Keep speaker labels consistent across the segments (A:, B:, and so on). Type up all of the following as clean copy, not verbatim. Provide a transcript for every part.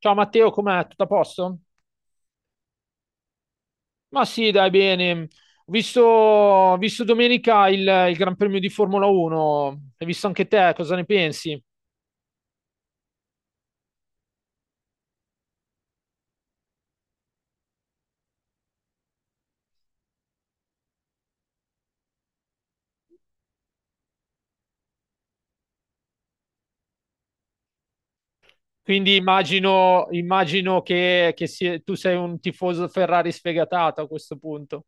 A: Ciao Matteo, com'è? Tutto a posto? Ma sì, dai, bene. Ho visto domenica il Gran Premio di Formula 1. Hai visto anche te, cosa ne pensi? Quindi immagino, immagino che tu sei un tifoso Ferrari sfegatato a questo punto.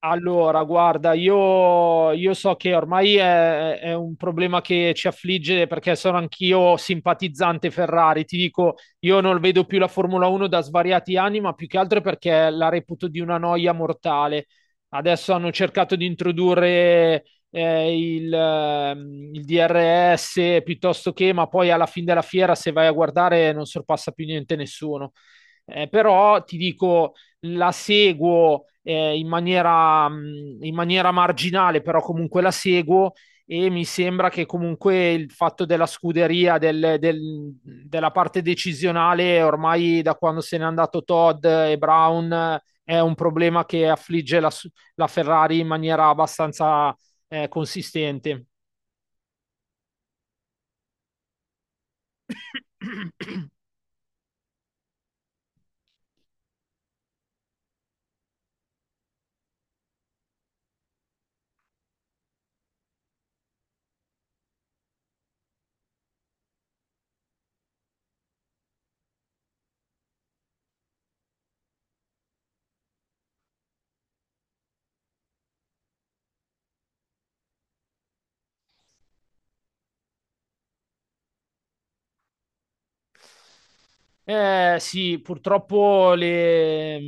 A: Allora, guarda, io so che ormai è un problema che ci affligge perché sono anch'io simpatizzante Ferrari. Ti dico, io non vedo più la Formula 1 da svariati anni, ma più che altro perché la reputo di una noia mortale. Adesso hanno cercato di introdurre il DRS piuttosto che, ma poi alla fine della fiera, se vai a guardare, non sorpassa più niente nessuno. Però ti dico la seguo in maniera marginale, però comunque la seguo e mi sembra che comunque il fatto della scuderia, della parte decisionale, ormai da quando se n'è andato Todd e Brown, è un problema che affligge la Ferrari in maniera abbastanza consistente. Sì, purtroppo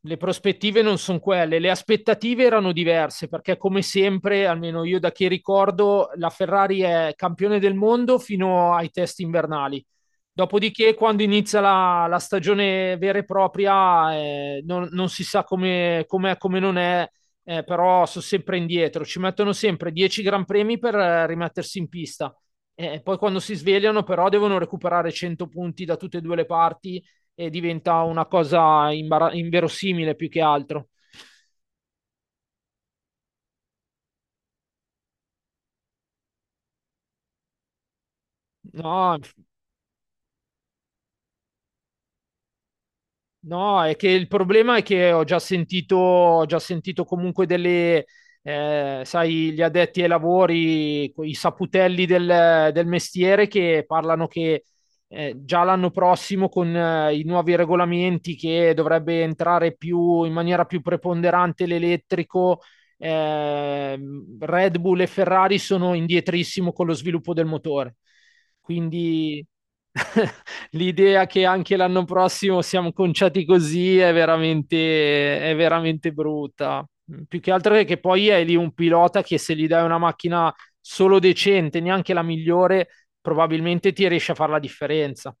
A: le prospettive non sono quelle, le aspettative erano diverse perché come sempre, almeno io da che ricordo, la Ferrari è campione del mondo fino ai test invernali. Dopodiché, quando inizia la stagione vera e propria, non si sa come com'è, come non è, però sono sempre indietro. Ci mettono sempre 10 Gran Premi per rimettersi in pista. Poi quando si svegliano però devono recuperare 100 punti da tutte e due le parti e diventa una cosa inverosimile più che altro. No, no, è che il problema è che ho già sentito comunque delle, sai, gli addetti ai lavori, i saputelli del mestiere che parlano che già l'anno prossimo con i nuovi regolamenti che dovrebbe entrare in maniera più preponderante l'elettrico, Red Bull e Ferrari sono indietrissimo con lo sviluppo del motore. Quindi... L'idea che anche l'anno prossimo siamo conciati così è veramente brutta. Più che altro è che poi è lì un pilota che se gli dai una macchina solo decente, neanche la migliore, probabilmente ti riesce a fare la differenza.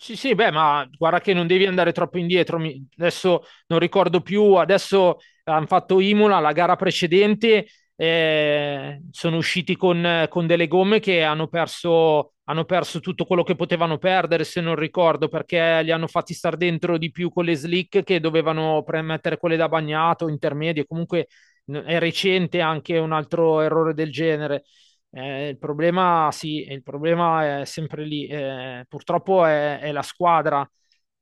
A: Sì, sì, beh, ma guarda che non devi andare troppo indietro. Adesso non ricordo più, adesso hanno fatto Imola, la gara precedente, sono usciti con delle gomme che hanno perso tutto quello che potevano perdere, se non ricordo, perché li hanno fatti star dentro di più con le slick che dovevano premettere quelle da bagnato, intermedie. Comunque è recente anche un altro errore del genere. Il problema, sì, il problema è sempre lì. Purtroppo è la squadra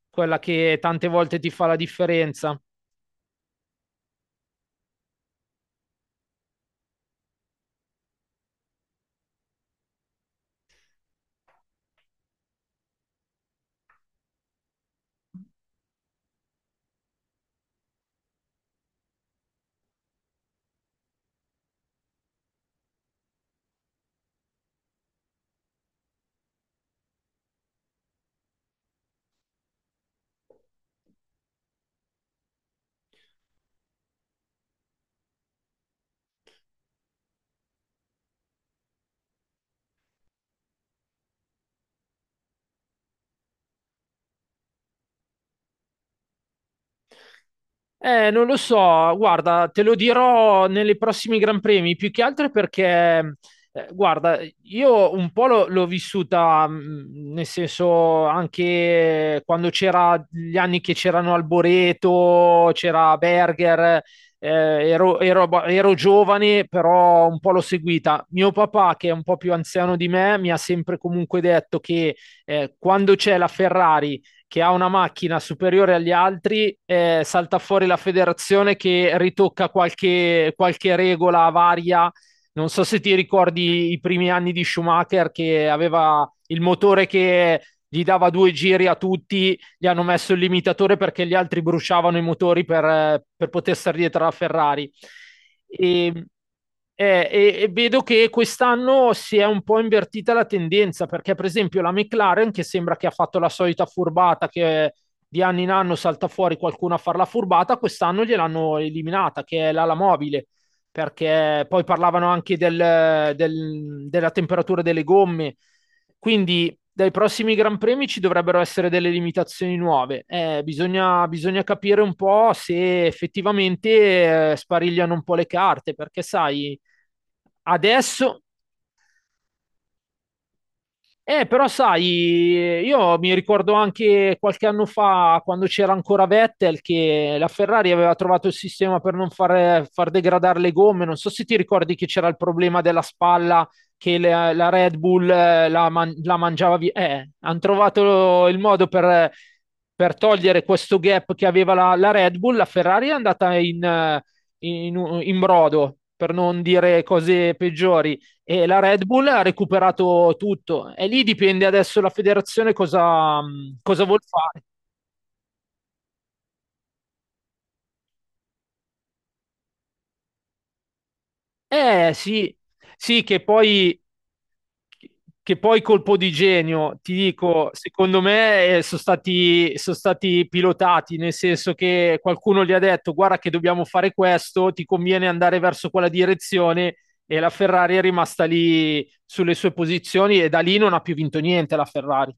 A: quella che tante volte ti fa la differenza. Non lo so, guarda, te lo dirò nei prossimi Gran Premi, più che altro perché, guarda, io un po' l'ho vissuta, nel senso anche quando c'era gli anni che c'erano Alboreto, c'era Berger, eh, ero giovane, però un po' l'ho seguita. Mio papà, che è un po' più anziano di me, mi ha sempre comunque detto che quando c'è la Ferrari che ha una macchina superiore agli altri, salta fuori la federazione che ritocca qualche regola varia. Non so se ti ricordi i primi anni di Schumacher che aveva il motore che gli dava due giri a tutti gli hanno messo il limitatore perché gli altri bruciavano i motori per poter stare dietro alla Ferrari. E, e vedo che quest'anno si è un po' invertita la tendenza perché, per esempio, la McLaren, che sembra che ha fatto la solita furbata che di anno in anno salta fuori qualcuno a fare la furbata, quest'anno gliel'hanno eliminata, che è l'ala mobile, perché poi parlavano anche della temperatura delle gomme. Quindi dai prossimi Gran Premi ci dovrebbero essere delle limitazioni nuove. Bisogna, bisogna capire un po' se effettivamente sparigliano un po' le carte, perché sai, adesso però sai, io mi ricordo anche qualche anno fa, quando c'era ancora Vettel, che la Ferrari aveva trovato il sistema per non fare- far degradare le gomme. Non so se ti ricordi che c'era il problema della spalla, che la Red Bull la mangiava via. Hanno trovato il modo per togliere questo gap che aveva la Red Bull. La Ferrari è andata in in brodo, per non dire cose peggiori e la Red Bull ha recuperato tutto e lì dipende adesso la federazione cosa, cosa vuol fare. Eh sì, sì, che poi colpo di genio, ti dico, secondo me sono stati pilotati, nel senso che qualcuno gli ha detto guarda che dobbiamo fare questo, ti conviene andare verso quella direzione e la Ferrari è rimasta lì sulle sue posizioni e da lì non ha più vinto niente la Ferrari.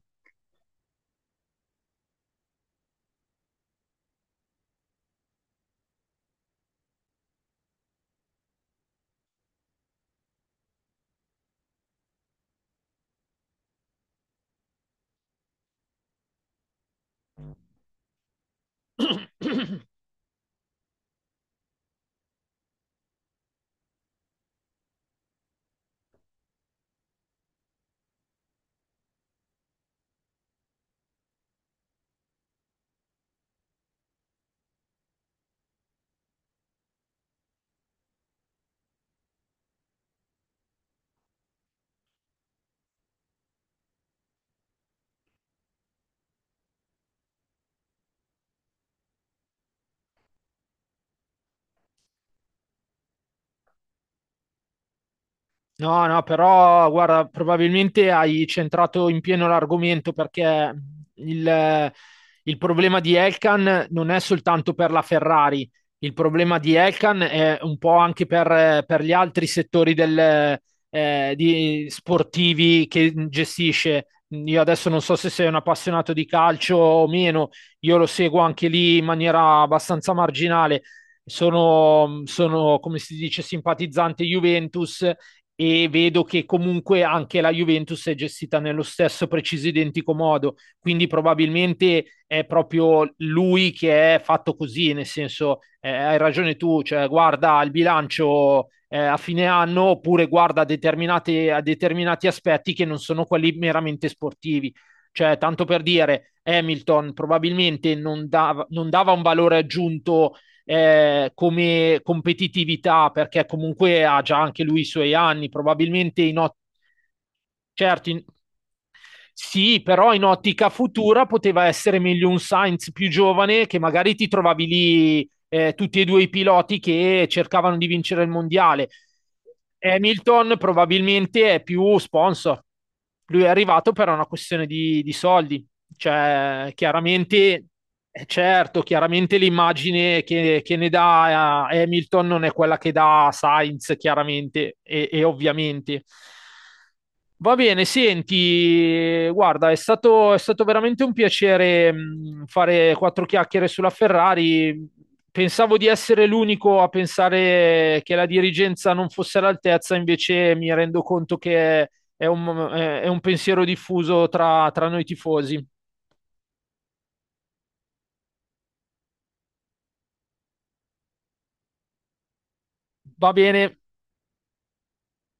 A: No, no, però guarda, probabilmente hai centrato in pieno l'argomento perché il, il problema di Elkan non è soltanto per la Ferrari, il problema di Elkan è un po' anche per gli altri settori del, sportivi che gestisce. Io adesso non so se sei un appassionato di calcio o meno, io lo seguo anche lì in maniera abbastanza marginale. Come si dice, simpatizzante Juventus e vedo che comunque anche la Juventus è gestita nello stesso preciso identico modo, quindi probabilmente è proprio lui che è fatto così, nel senso hai ragione tu, cioè guarda il bilancio a fine anno oppure guarda determinate, a determinati aspetti che non sono quelli meramente sportivi. Cioè, tanto per dire, Hamilton probabilmente non dava un valore aggiunto come competitività, perché comunque ha già anche lui i suoi anni, probabilmente in, otto, certo in, sì, però in ottica futura poteva essere meglio un Sainz più giovane che magari ti trovavi lì tutti e due i piloti che cercavano di vincere il mondiale. Hamilton probabilmente è più sponsor. Lui è arrivato per una questione di soldi. Cioè, chiaramente, certo, chiaramente l'immagine che ne dà Hamilton non è quella che dà Sainz, chiaramente e ovviamente. Va bene, senti, guarda, è stato veramente un piacere fare quattro chiacchiere sulla Ferrari. Pensavo di essere l'unico a pensare che la dirigenza non fosse all'altezza, invece mi rendo conto che è un, è un pensiero diffuso tra, tra noi tifosi. Va bene,